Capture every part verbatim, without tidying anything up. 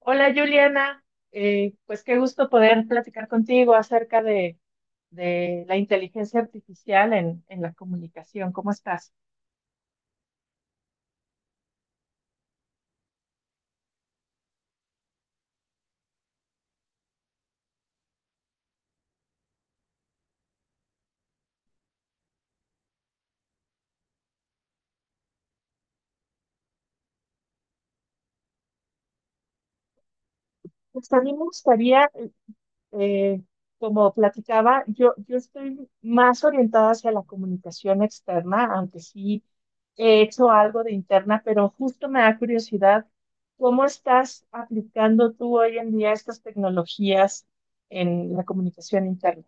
Hola, Juliana. Eh, pues qué gusto poder platicar contigo acerca de, de la inteligencia artificial en, en la comunicación. ¿Cómo estás? Pues a mí me gustaría, eh, como platicaba, yo, yo estoy más orientada hacia la comunicación externa, aunque sí he hecho algo de interna, pero justo me da curiosidad cómo estás aplicando tú hoy en día estas tecnologías en la comunicación interna.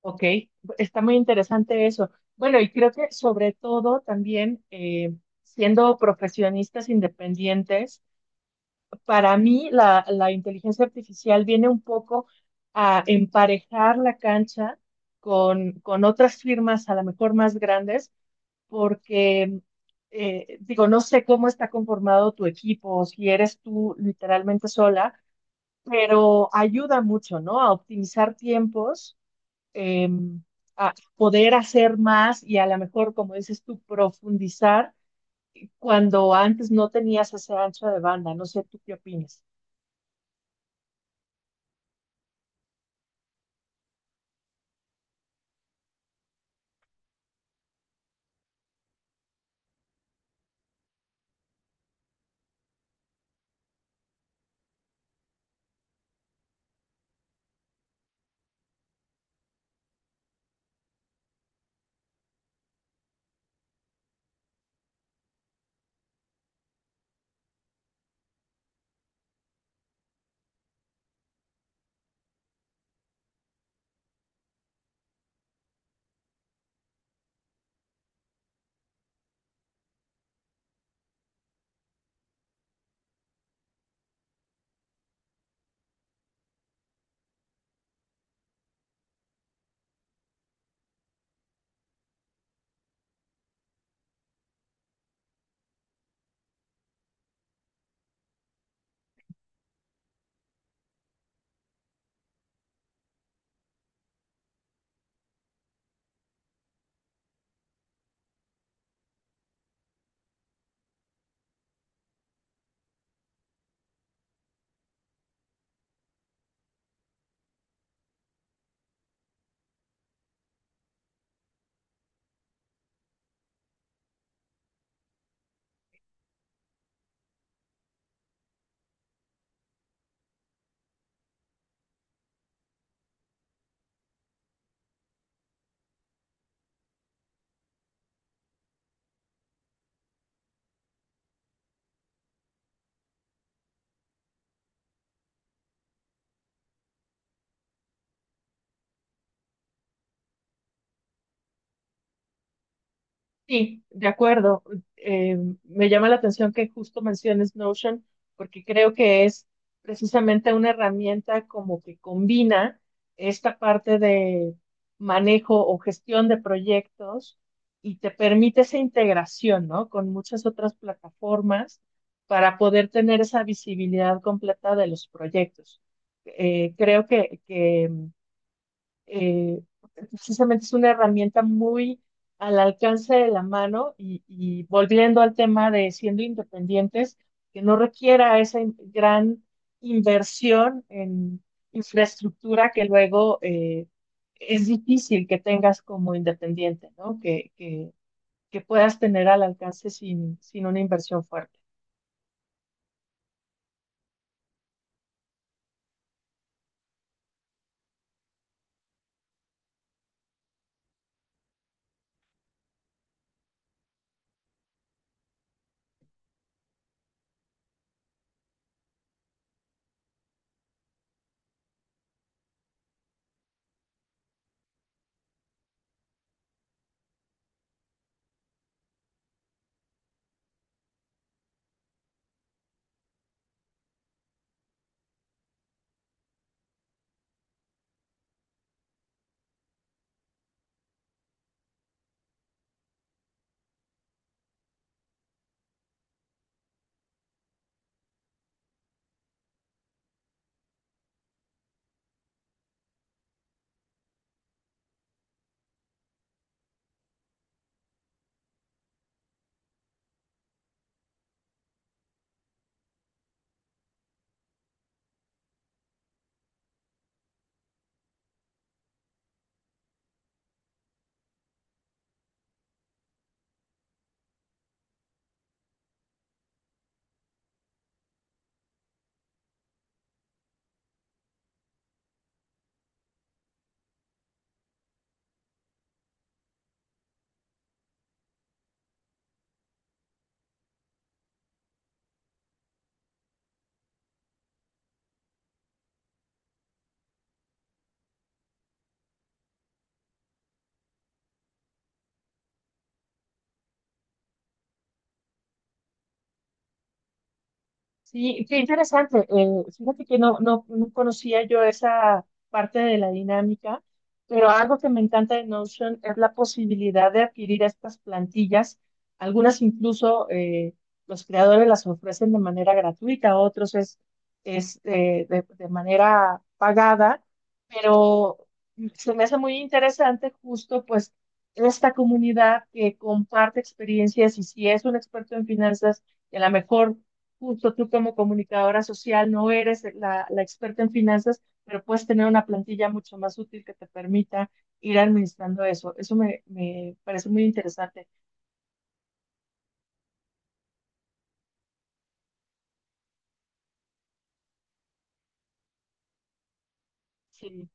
Ok, está muy interesante eso. Bueno, y creo que sobre todo también eh, siendo profesionistas independientes, para mí la, la inteligencia artificial viene un poco a emparejar la cancha con, con otras firmas a lo mejor más grandes, porque eh, digo, no sé cómo está conformado tu equipo, si eres tú literalmente sola, pero ayuda mucho, ¿no? A optimizar tiempos eh, a poder hacer más y a lo mejor, como dices tú, profundizar cuando antes no tenías esa ancha de banda. No sé, ¿tú qué opinas? Sí, de acuerdo. Eh, Me llama la atención que justo menciones Notion, porque creo que es precisamente una herramienta como que combina esta parte de manejo o gestión de proyectos y te permite esa integración, ¿no? Con muchas otras plataformas para poder tener esa visibilidad completa de los proyectos. Eh, creo que, que eh, precisamente es una herramienta muy al alcance de la mano y, y volviendo al tema de siendo independientes, que no requiera esa in- gran inversión en infraestructura que luego eh, es difícil que tengas como independiente, ¿no? Que, que, que puedas tener al alcance sin, sin una inversión fuerte. Sí, qué interesante. Eh, fíjate que no, no, no conocía yo esa parte de la dinámica, pero algo que me encanta de Notion es la posibilidad de adquirir estas plantillas. Algunas incluso eh, los creadores las ofrecen de manera gratuita, otros es, es eh, de, de manera pagada, pero se me hace muy interesante justo pues esta comunidad que comparte experiencias y si es un experto en finanzas, y a lo mejor justo tú como comunicadora social no eres la, la experta en finanzas, pero puedes tener una plantilla mucho más útil que te permita ir administrando eso. Eso me, me parece muy interesante. Sí,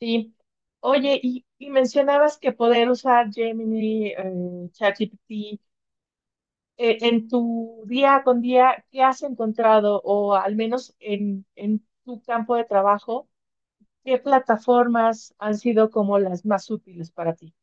sí. Oye, y, y mencionabas que poder usar Gemini, eh, ChatGPT, eh, en tu día con día, ¿qué has encontrado? O al menos en, en tu campo de trabajo, ¿qué plataformas han sido como las más útiles para ti?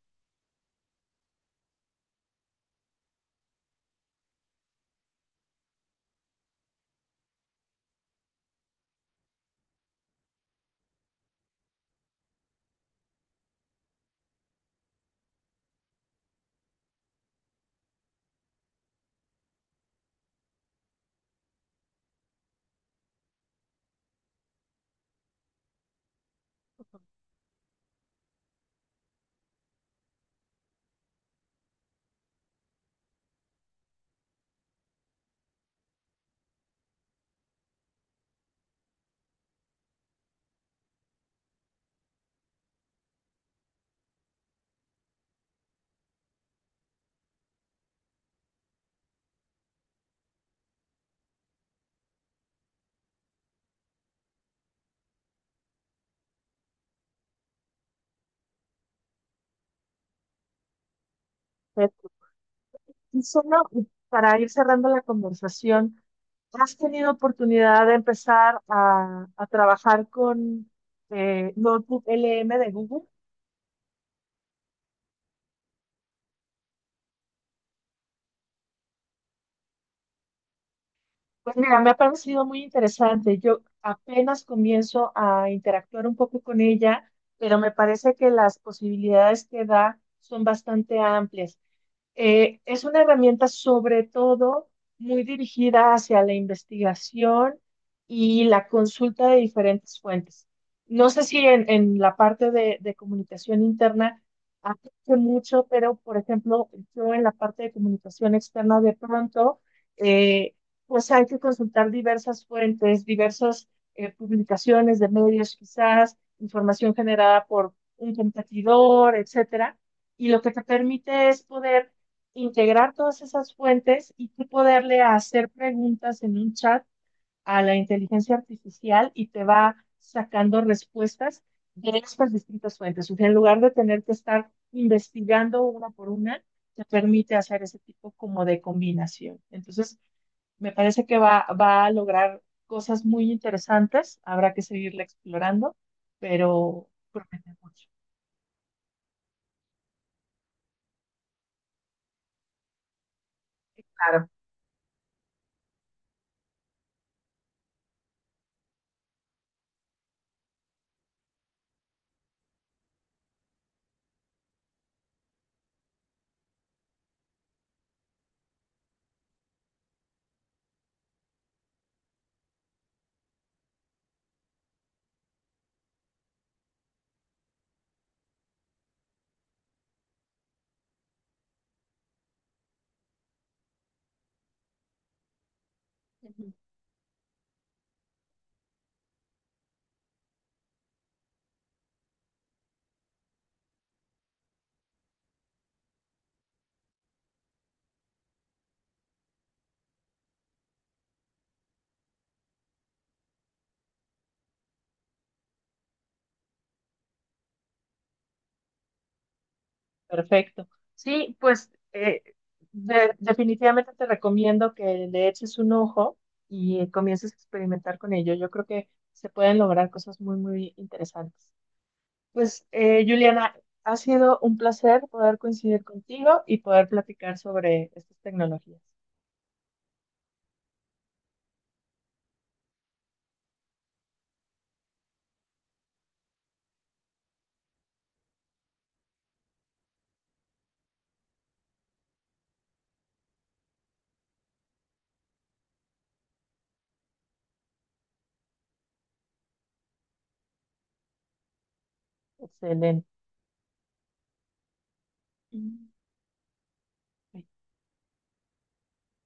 Y solo para ir cerrando la conversación, ¿has tenido oportunidad de empezar a, a trabajar con eh, Notebook L M de Google? Pues mira, me ha parecido muy interesante. Yo apenas comienzo a interactuar un poco con ella, pero me parece que las posibilidades que da son bastante amplias. Eh, es una herramienta sobre todo muy dirigida hacia la investigación y la consulta de diferentes fuentes. No sé si en, en la parte de, de comunicación interna aplique mucho, pero por ejemplo, yo en la parte de comunicación externa de pronto, eh, pues hay que consultar diversas fuentes, diversas eh, publicaciones de medios quizás, información generada por un competidor, etcétera. Y lo que te permite es poder integrar todas esas fuentes y tú poderle hacer preguntas en un chat a la inteligencia artificial y te va sacando respuestas de estas distintas fuentes. O sea, en lugar de tener que estar investigando una por una, te permite hacer ese tipo como de combinación. Entonces, me parece que va, va a lograr cosas muy interesantes. Habrá que seguirla explorando, pero promete mucho. Claro. Perfecto. Sí, pues eh, de- definitivamente te recomiendo que le eches un ojo y eh, comiences a experimentar con ello. Yo creo que se pueden lograr cosas muy, muy interesantes. Pues, eh, Juliana, ha sido un placer poder coincidir contigo y poder platicar sobre estas tecnologías. Excelente. Mm.